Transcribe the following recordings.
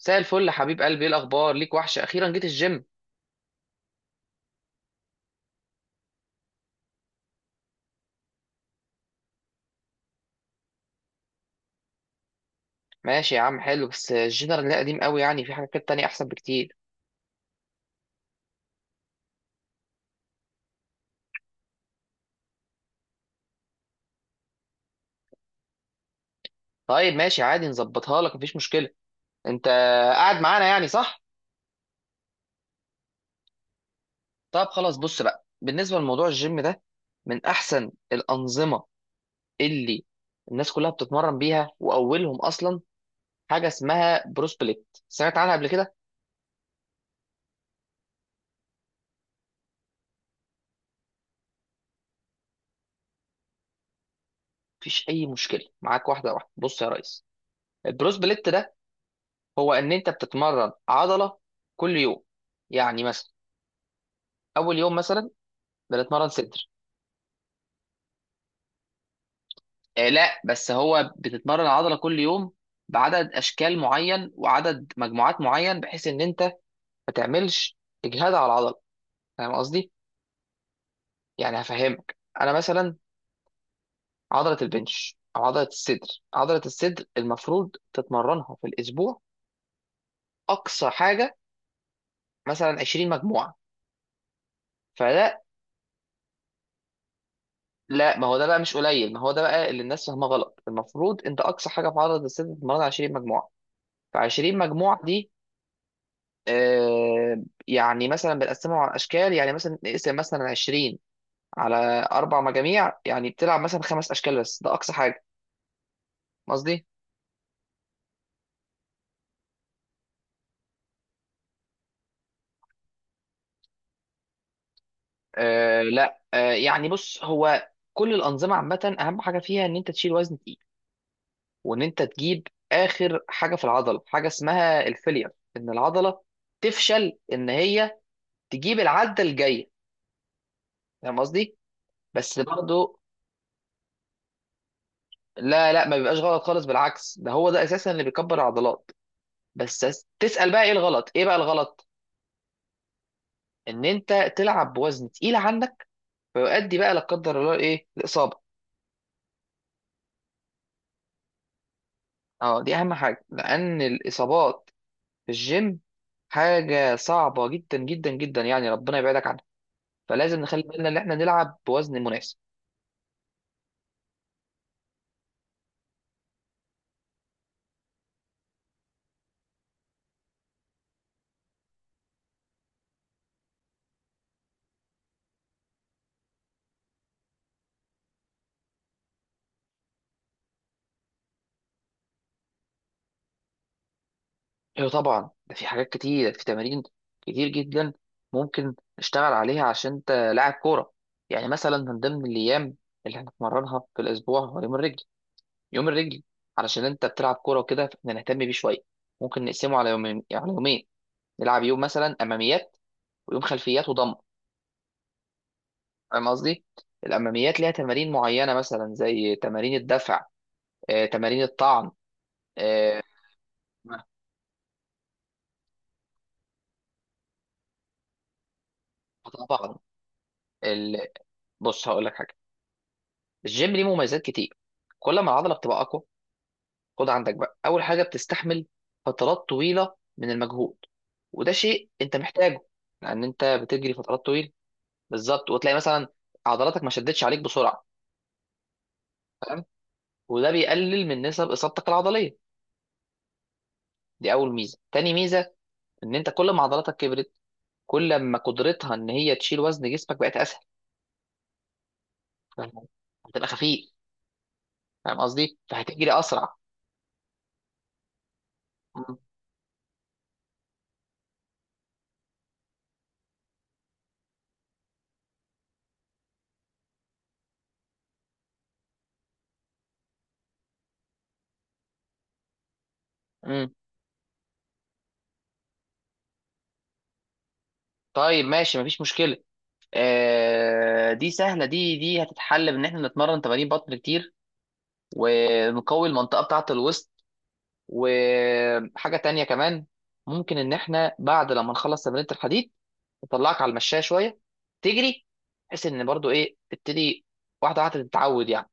مساء الفل يا حبيب قلبي، ايه الاخبار؟ ليك وحشه، اخيرا جيت الجيم. ماشي يا عم، حلو. بس الجنرال ده قديم قوي، يعني في حاجات تانية احسن بكتير. طيب ماشي عادي، نظبطها لك مفيش مشكله. انت قاعد معانا يعني، صح؟ طب خلاص، بص بقى، بالنسبه لموضوع الجيم ده، من احسن الانظمه اللي الناس كلها بتتمرن بيها، واولهم اصلا حاجه اسمها بروس بليت، سمعت عنها قبل كده؟ مفيش اي مشكله معاك، واحده واحده. بص يا ريس، البروس بليت ده، هو ان انت بتتمرن عضله كل يوم. يعني مثلا اول يوم مثلا بنتمرن صدر. آه لا، بس هو بتتمرن العضله كل يوم بعدد اشكال معين وعدد مجموعات معين، بحيث ان انت ما تعملش اجهاد على العضله. فاهم قصدي؟ يعني هفهمك. انا مثلا عضله البنش او عضله الصدر، عضله الصدر المفروض تتمرنها في الاسبوع اقصى حاجه مثلا 20 مجموعه، فده. لا، ما هو ده بقى مش قليل، ما هو ده بقى اللي الناس فاهمه غلط. المفروض انت اقصى حاجه في عضله الصدر تتمرنها 20 مجموعه. ف 20 مجموعه دي، يعني مثلا بنقسمهم على اشكال، يعني مثلا نقسم مثلا 20 على اربع مجاميع، يعني بتلعب مثلا خمس اشكال بس، ده اقصى حاجه. قصدي. لا، يعني بص، هو كل الانظمه عامه اهم حاجه فيها ان انت تشيل وزن تقيل، وان انت تجيب اخر حاجه في العضله، حاجه اسمها الفيلير، ان العضله تفشل ان هي تجيب العده الجايه. فاهم قصدي؟ بس برضه. لا، لا، ما بيبقاش غلط خالص، بالعكس ده هو ده اساسا اللي بيكبر العضلات. بس تسأل بقى، ايه الغلط، ايه بقى الغلط؟ ان انت تلعب بوزن تقيل عنك، فيؤدي بقى لا قدر الله ايه، الاصابه. اه دي اهم حاجه، لان الاصابات في الجيم حاجه صعبه جدا جدا جدا، يعني ربنا يبعدك عنها. فلازم نخلي بالنا ان احنا نلعب بوزن مناسب. ايوه طبعا، ده في حاجات كتير، في تمارين كتير جدا ممكن نشتغل عليها عشان انت لاعب كوره. يعني مثلا من ضمن الايام اللي هنتمرنها في الاسبوع هو يوم الرجل، يوم الرجل. علشان انت بتلعب كوره وكده، فاحنا نهتم بيه شويه. ممكن نقسمه على يومين، يعني على يومين. نلعب يوم مثلا اماميات، ويوم خلفيات وضم. فاهم قصدي؟ الاماميات ليها تمارين معينه مثلا زي تمارين الدفع، تمارين الطعن. نعم. طبعا. ال... بص هقول لك حاجه، الجيم ليه مميزات كتير. كل ما العضله بتبقى اقوى، خد عندك بقى اول حاجه، بتستحمل فترات طويله من المجهود، وده شيء انت محتاجه. لان انت بتجري فترات طويله. بالظبط، وتلاقي مثلا عضلاتك ما شدتش عليك بسرعه. وده بيقلل من نسب اصابتك العضليه. دي اول ميزه. تاني ميزه، ان انت كل ما عضلاتك كبرت، كل ما قدرتها ان هي تشيل وزن جسمك بقت اسهل. فاهم؟ هتبقى خفيف. فاهم قصدي، فهتجري اسرع. مم. مم. طيب ماشي مفيش مشكله. آه دي سهله، دي هتتحل بان احنا نتمرن تمارين بطن كتير، ونقوي المنطقه بتاعه الوسط. وحاجه تانية كمان، ممكن ان احنا بعد لما نخلص تمرينة الحديد اطلعك على المشايه شويه تجري، بحيث ان برضو تبتدي واحده واحده تتعود يعني.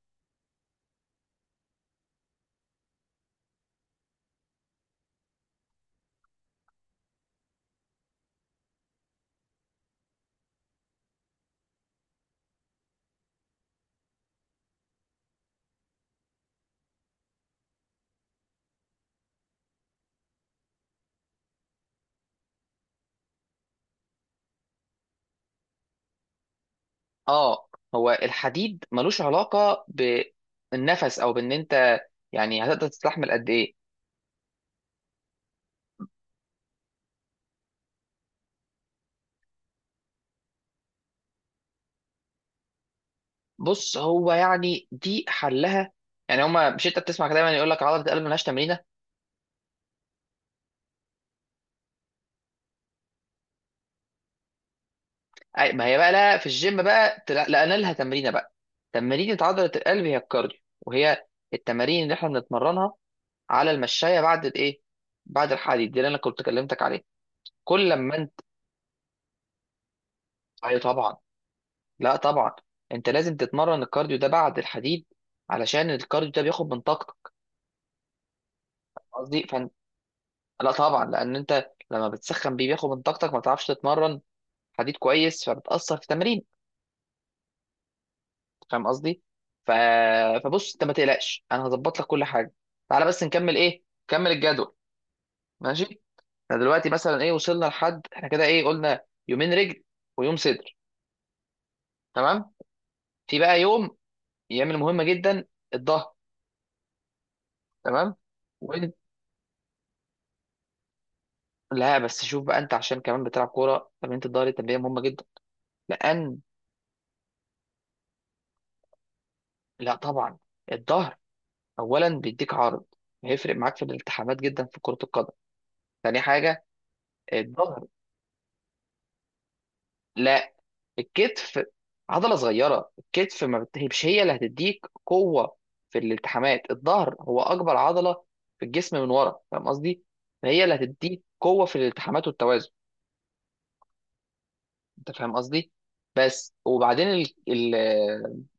اه، هو الحديد ملوش علاقه بالنفس، او بان انت يعني هتقدر تستحمل قد ايه. بص، هو يعني دي حلها. يعني هما، مش انت بتسمع دايما يقول لك عضله القلب ملهاش تمرينه؟ أي ما هي بقى، لا في الجيم بقى لقينا لها تمرينه بقى. تمرينه عضله القلب هي الكارديو، وهي التمارين اللي احنا بنتمرنها على المشايه بعد بعد الحديد، دي اللي انا كنت كلمتك عليها. كل لما ايوه طبعا. لا طبعا، انت لازم تتمرن الكارديو ده بعد الحديد، علشان الكارديو ده بياخد من طاقتك. قصدي. لا طبعا، لان انت لما بتسخن بيه بياخد من طاقتك ما تعرفش تتمرن حديد كويس، فبتأثر في التمرين. فاهم قصدي؟ ف... فبص انت ما تقلقش، انا هظبط لك كل حاجه. تعالى بس نكمل الجدول. ماشي. احنا دلوقتي مثلا وصلنا لحد احنا كده، قلنا يومين رجل ويوم صدر. تمام. في بقى يوم يعمل مهمه جدا، الظهر. تمام. لا، بس شوف بقى، انت عشان كمان بتلعب كوره تمرينة الظهر دي تمرينة مهمه جدا، لان لا طبعا. الظهر اولا بيديك عرض، هيفرق معاك في الالتحامات جدا في كره القدم. تاني حاجه، الظهر. لا الكتف عضله صغيره، الكتف ما بت- هي- مش هي اللي هتديك قوه في الالتحامات. الظهر هو اكبر عضله في الجسم من ورا، فاهم قصدي؟ فهي اللي هتديك قوه في الالتحامات والتوازن. انت فاهم قصدي. بس وبعدين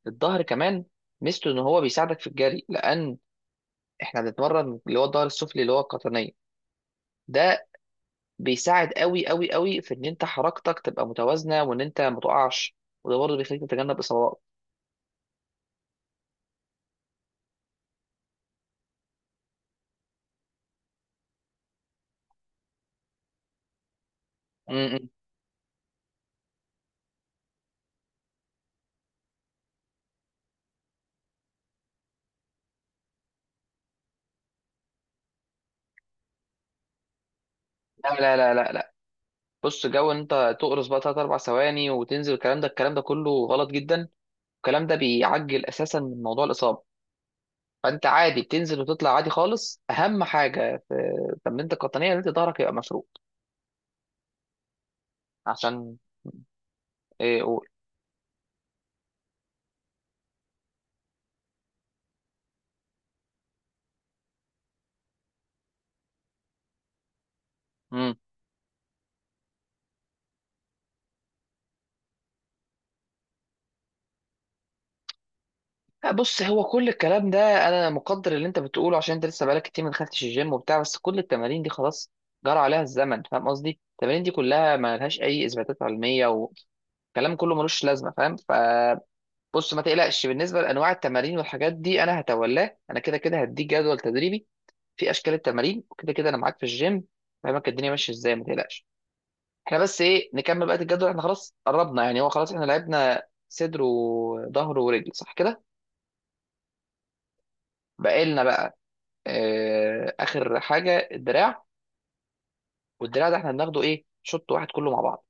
الظهر كمان ميزته ان هو بيساعدك في الجري، لان احنا بنتمرن اللي هو الظهر السفلي، اللي هو القطنيه ده، بيساعد قوي قوي قوي في ان انت حركتك تبقى متوازنه وان انت ما تقعش، وده برضه بيخليك تتجنب اصابات. م- م. لا، لا، لا، لا، لا. بص، جو ان انت تقرص بقى 3 4 ثواني وتنزل، الكلام ده، الكلام ده كله غلط جدا. الكلام ده بيعجل اساسا من موضوع الاصابه. فانت عادي بتنزل وتطلع عادي خالص. اهم حاجه في تمرينتك القطنيه ان انت ظهرك يبقى مفرود. عشان ايه اقول. امم بص هو كل الكلام ده انا مقدر اللي انت بتقوله، عشان انت لسه بقالك كتير ما دخلتش الجيم وبتاع. بس كل التمارين دي خلاص جرى عليها الزمن، فاهم قصدي؟ التمارين دي كلها ما لهاش اي اثباتات علميه الكلام كله ملوش لازمه، فاهم؟ فبص، ما تقلقش بالنسبه لانواع التمارين والحاجات دي، انا هتولاه، انا كده كده هديك جدول تدريبي في اشكال التمارين، وكده كده انا معاك في الجيم. فاهمك الدنيا ماشيه ازاي، ما تقلقش. احنا بس نكمل بقى الجدول. احنا خلاص قربنا، يعني هو خلاص احنا لعبنا صدر وظهر ورجل، صح كده؟ بقى لنا بقى، اخر حاجه الدراع. والدراع ده احنا بناخده شوط واحد كله مع بعض.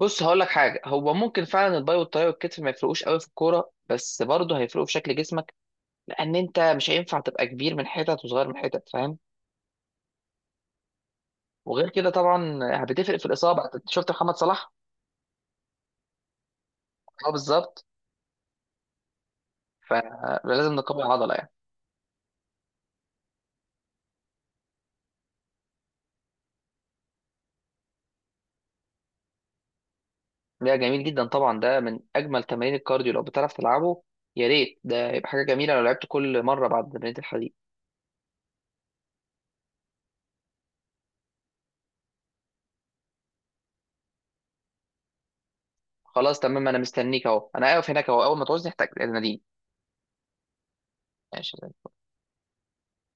بص هقول لك حاجه، هو ممكن فعلا الباي والطاي والكتف ما يفرقوش قوي في الكوره، بس برضه هيفرقوا في شكل جسمك، لان انت مش هينفع تبقى كبير من حتت وصغير من حتت، فاهم؟ وغير كده طبعا بتفرق في الاصابه. أنت شفت محمد صلاح؟ اه بالظبط. فلازم نقوي العضله. ده جميل جدا طبعا، ده من اجمل تمارين الكارديو. لو بتعرف تلعبه يا ريت، ده يبقى حاجه جميله لو لعبت كل مره بعد تمرينة الحديد. خلاص تمام، انا مستنيك اهو، انا واقف هناك اهو. اول ما تعوزني احتاج ناديني. ماشي.